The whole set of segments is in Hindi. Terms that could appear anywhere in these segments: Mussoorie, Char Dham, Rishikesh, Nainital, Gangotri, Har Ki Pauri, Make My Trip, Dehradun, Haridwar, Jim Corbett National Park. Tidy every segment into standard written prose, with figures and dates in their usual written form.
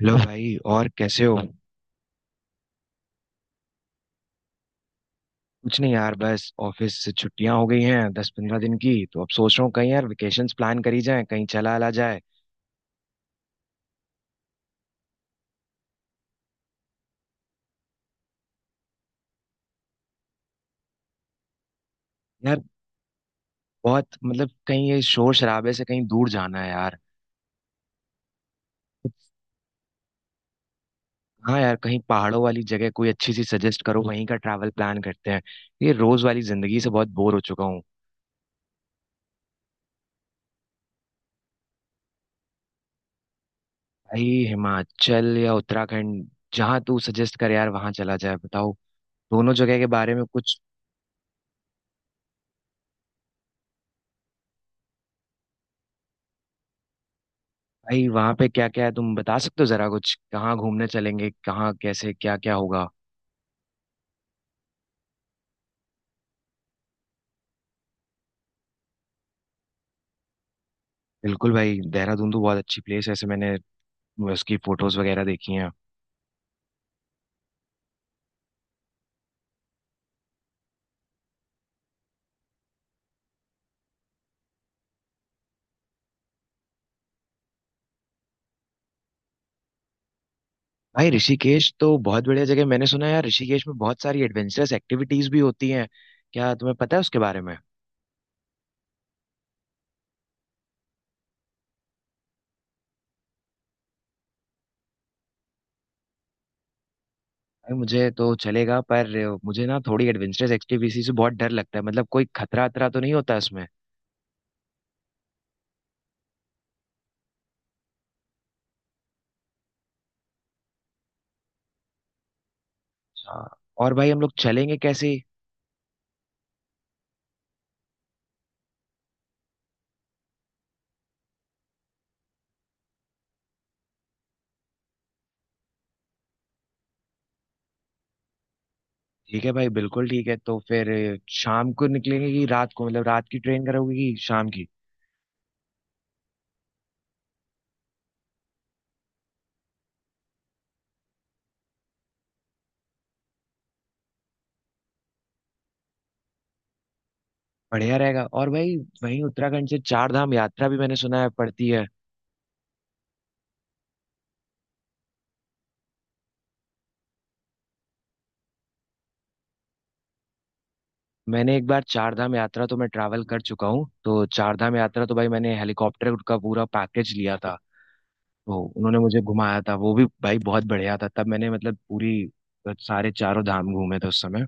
हेलो भाई। और कैसे हो? कुछ नहीं यार, बस ऑफिस से छुट्टियां हो गई हैं 10-15 दिन की, तो अब सोच रहा हूँ कहीं यार वेकेशंस प्लान करी जाए, कहीं चला आला जाए। यार बहुत मतलब कहीं ये शोर शराबे से कहीं दूर जाना है यार। हाँ यार, कहीं पहाड़ों वाली जगह कोई अच्छी सी सजेस्ट करो, वहीं का ट्रैवल प्लान करते हैं। ये रोज वाली जिंदगी से बहुत बोर हो चुका हूँ। भाई, हिमाचल या उत्तराखंड, जहाँ तू सजेस्ट कर यार वहां चला जाए, बताओ दोनों जगह के बारे में कुछ। भाई वहाँ पे क्या क्या है तुम बता सकते हो जरा, कुछ कहाँ घूमने चलेंगे, कहाँ कैसे क्या क्या होगा? बिल्कुल भाई, देहरादून तो बहुत अच्छी प्लेस है, ऐसे मैंने उसकी फोटोज वगैरह देखी हैं। भाई ऋषिकेश तो बहुत बढ़िया जगह है। मैंने सुना है यार ऋषिकेश में बहुत सारी एडवेंचरस एक्टिविटीज भी होती हैं, क्या तुम्हें पता है उसके बारे में? भाई मुझे तो चलेगा, पर मुझे ना थोड़ी एडवेंचरस एक्टिविटी से बहुत डर लगता है, मतलब कोई खतरा अतरा तो नहीं होता इसमें? अच्छा। और भाई हम लोग चलेंगे कैसे? ठीक है भाई, बिल्कुल ठीक है। तो फिर शाम को निकलेंगे कि रात को, मतलब रात की ट्रेन करोगे कि शाम की? बढ़िया रहेगा। और भाई वहीं उत्तराखंड से चार धाम यात्रा भी मैंने सुना है पड़ती है। मैंने एक बार चार धाम यात्रा तो मैं ट्रैवल कर चुका हूँ, तो चार धाम यात्रा तो भाई मैंने हेलीकॉप्टर का पूरा पैकेज लिया था। तो उन्होंने मुझे घुमाया था वो भी भाई बहुत बढ़िया था, तब मैंने मतलब पूरी सारे चारों धाम घूमे थे उस समय।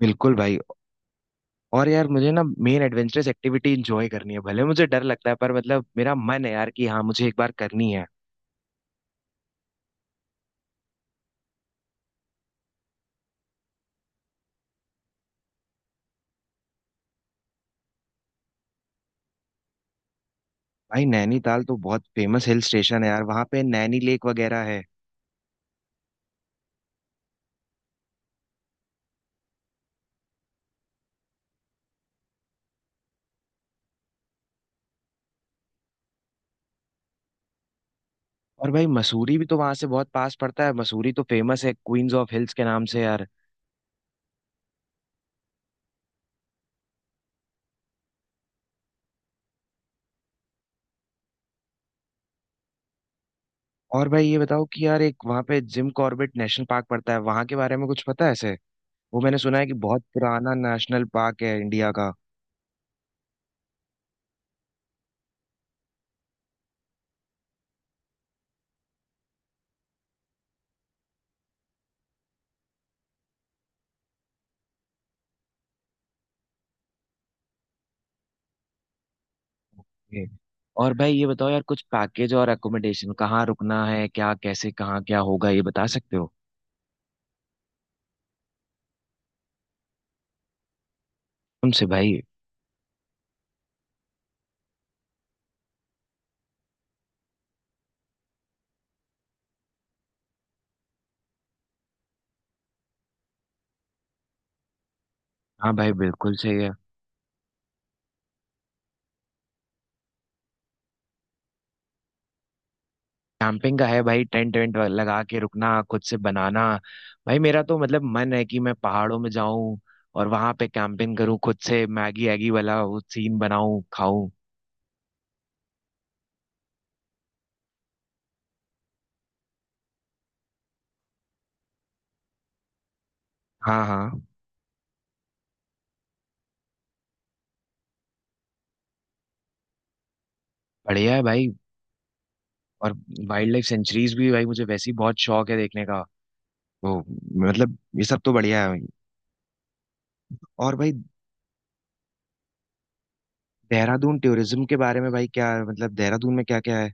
बिल्कुल भाई। और यार मुझे ना मेन एडवेंचरस एक्टिविटी इंजॉय करनी है, भले मुझे डर लगता है पर मतलब मेरा मन है यार कि हाँ मुझे एक बार करनी है। भाई नैनीताल तो बहुत फेमस हिल स्टेशन है यार, वहाँ पे नैनी लेक वगैरह है। और भाई मसूरी भी तो वहां से बहुत पास पड़ता है, मसूरी तो फेमस है क्वींस ऑफ हिल्स के नाम से यार। और भाई ये बताओ कि यार एक वहाँ पे जिम कॉर्बेट नेशनल पार्क पड़ता है, वहाँ के बारे में कुछ पता है ऐसे? वो मैंने सुना है कि बहुत पुराना नेशनल पार्क है इंडिया का। ओके। और भाई ये बताओ यार, कुछ पैकेज और अकोमोडेशन कहाँ रुकना है, क्या कैसे कहाँ क्या होगा ये बता सकते हो? तुमसे भाई। हाँ भाई, बिल्कुल सही है। कैंपिंग का है भाई, टेंट वेंट लगा के रुकना खुद से बनाना। भाई मेरा तो मतलब मन है कि मैं पहाड़ों में जाऊं और वहां पे कैंपिंग करूं, खुद से मैगी एगी वाला वो सीन बनाऊं खाऊं। हाँ हाँ। बढ़िया है भाई। और वाइल्ड लाइफ सेंचुरीज भी भाई मुझे वैसे ही बहुत शौक है देखने का। तो मतलब ये सब तो बढ़िया है भाई। और भाई देहरादून टूरिज्म के बारे में भाई, क्या मतलब देहरादून में क्या क्या है?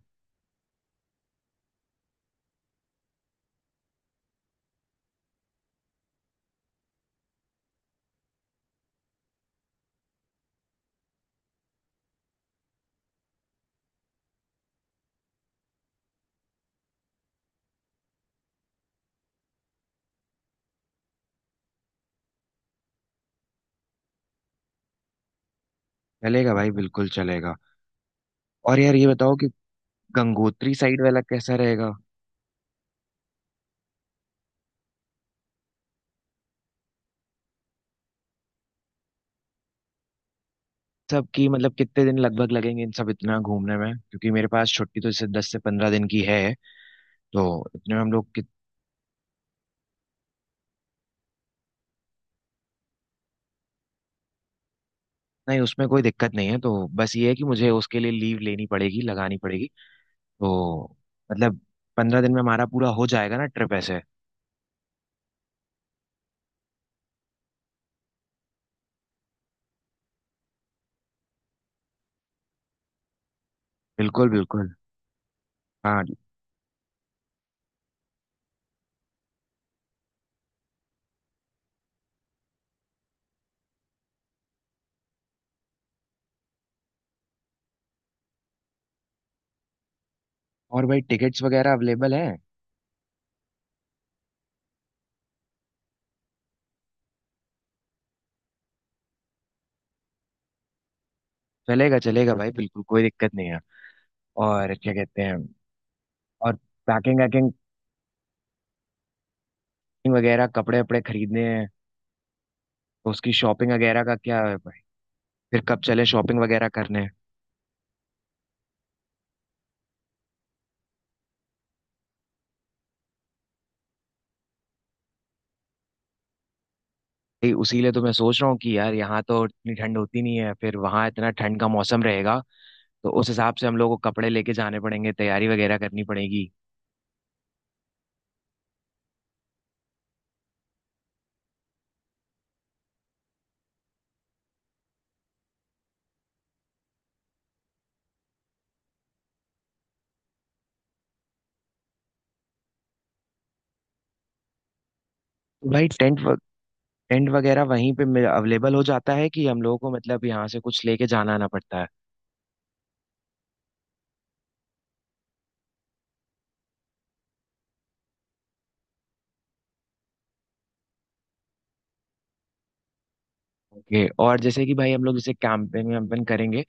चलेगा भाई, बिल्कुल चलेगा। और यार ये बताओ कि गंगोत्री साइड वाला कैसा रहेगा? सब की मतलब कितने दिन लगभग लगेंगे इन सब इतना घूमने में, क्योंकि मेरे पास छुट्टी तो इससे 10 से 15 दिन की है, तो इतने में हम लोग नहीं, उसमें कोई दिक्कत नहीं है, तो बस ये है कि मुझे उसके लिए लीव लेनी पड़ेगी लगानी पड़ेगी, तो मतलब 15 दिन में हमारा पूरा हो जाएगा ना ट्रिप ऐसे? बिल्कुल बिल्कुल। हाँ। और भाई टिकट्स वगैरह अवेलेबल है? चलेगा चलेगा भाई, बिल्कुल कोई दिक्कत नहीं है। और क्या कहते हैं? और पैकिंग वैकिंग वगैरह, कपड़े वपड़े खरीदने हैं तो उसकी शॉपिंग वगैरह का क्या है भाई, फिर कब चले शॉपिंग वगैरह करने? भाई उसी लिए तो मैं सोच रहा हूँ कि यार यहाँ तो इतनी ठंड होती नहीं है, फिर वहाँ इतना ठंड का मौसम रहेगा, तो उस हिसाब से हम लोग को कपड़े लेके जाने पड़ेंगे, तैयारी वगैरह करनी पड़ेगी। तो भाई टेंट वगैरह वहीं पे अवेलेबल हो जाता है कि हम लोगों को मतलब यहाँ से कुछ लेके जाना आना पड़ता है? ओके। और जैसे कि भाई हम लोग जैसे कैंपिंग वैम्पिंग करेंगे,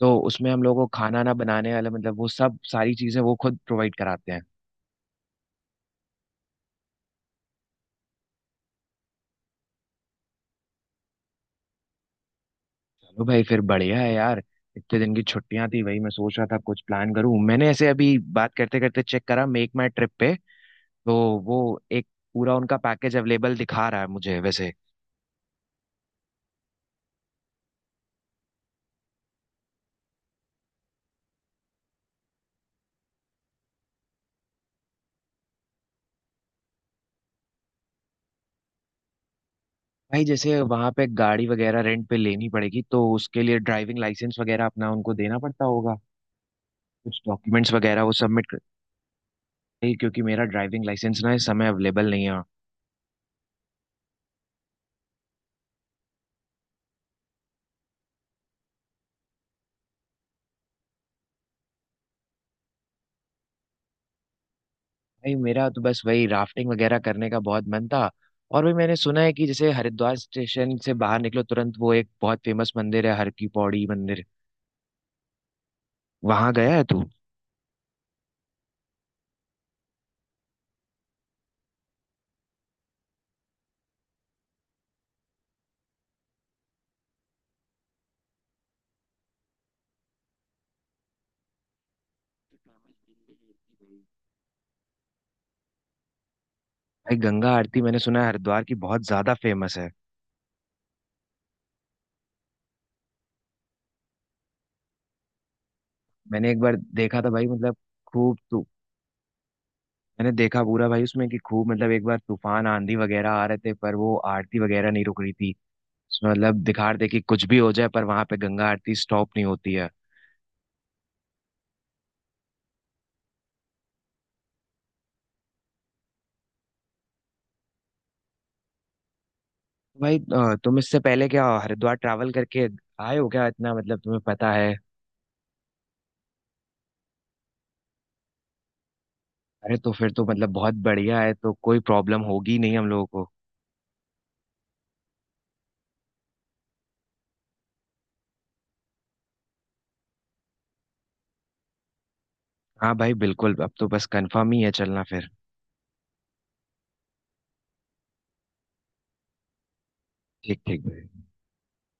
तो उसमें हम लोगों को खाना ना बनाने वाला मतलब वो सब सारी चीजें वो खुद प्रोवाइड कराते हैं? चलो भाई, फिर बढ़िया है यार। इतने दिन की छुट्टियां थी, वही मैं सोच रहा था कुछ प्लान करूं, मैंने ऐसे अभी बात करते करते चेक करा मेक माई ट्रिप पे, तो वो एक पूरा उनका पैकेज अवेलेबल दिखा रहा है मुझे वैसे। भाई जैसे वहां पे गाड़ी वगैरह रेंट पे लेनी पड़ेगी, तो उसके लिए ड्राइविंग लाइसेंस वगैरह अपना उनको देना पड़ता होगा, कुछ डॉक्यूमेंट्स वगैरह वो सबमिट कर। नहीं, क्योंकि मेरा ड्राइविंग लाइसेंस ना इस समय अवेलेबल नहीं है। भाई मेरा तो बस वही राफ्टिंग वगैरह करने का बहुत मन था। और भी मैंने सुना है कि जैसे हरिद्वार स्टेशन से बाहर निकलो तुरंत वो एक बहुत फेमस मंदिर है, हर की पौड़ी मंदिर। वहां गया है तू? भाई गंगा आरती मैंने सुना है हरिद्वार की बहुत ज्यादा फेमस है। मैंने एक बार देखा था भाई, मतलब खूब तू, मैंने देखा पूरा भाई उसमें कि खूब मतलब एक बार तूफान आंधी वगैरह आ रहे थे, पर वो आरती वगैरह नहीं रुक रही थी। उसमें मतलब दिखा रहे थे कि कुछ भी हो जाए पर वहां पे गंगा आरती स्टॉप नहीं होती है। भाई, तुम इससे पहले क्या हरिद्वार ट्रैवल करके आए हो क्या, इतना मतलब तुम्हें पता है? अरे, तो फिर तो मतलब बहुत बढ़िया है, तो कोई प्रॉब्लम होगी नहीं हम लोगों को। हाँ भाई बिल्कुल, अब तो बस कंफर्म ही है चलना फिर। ठीक ठीक भाई।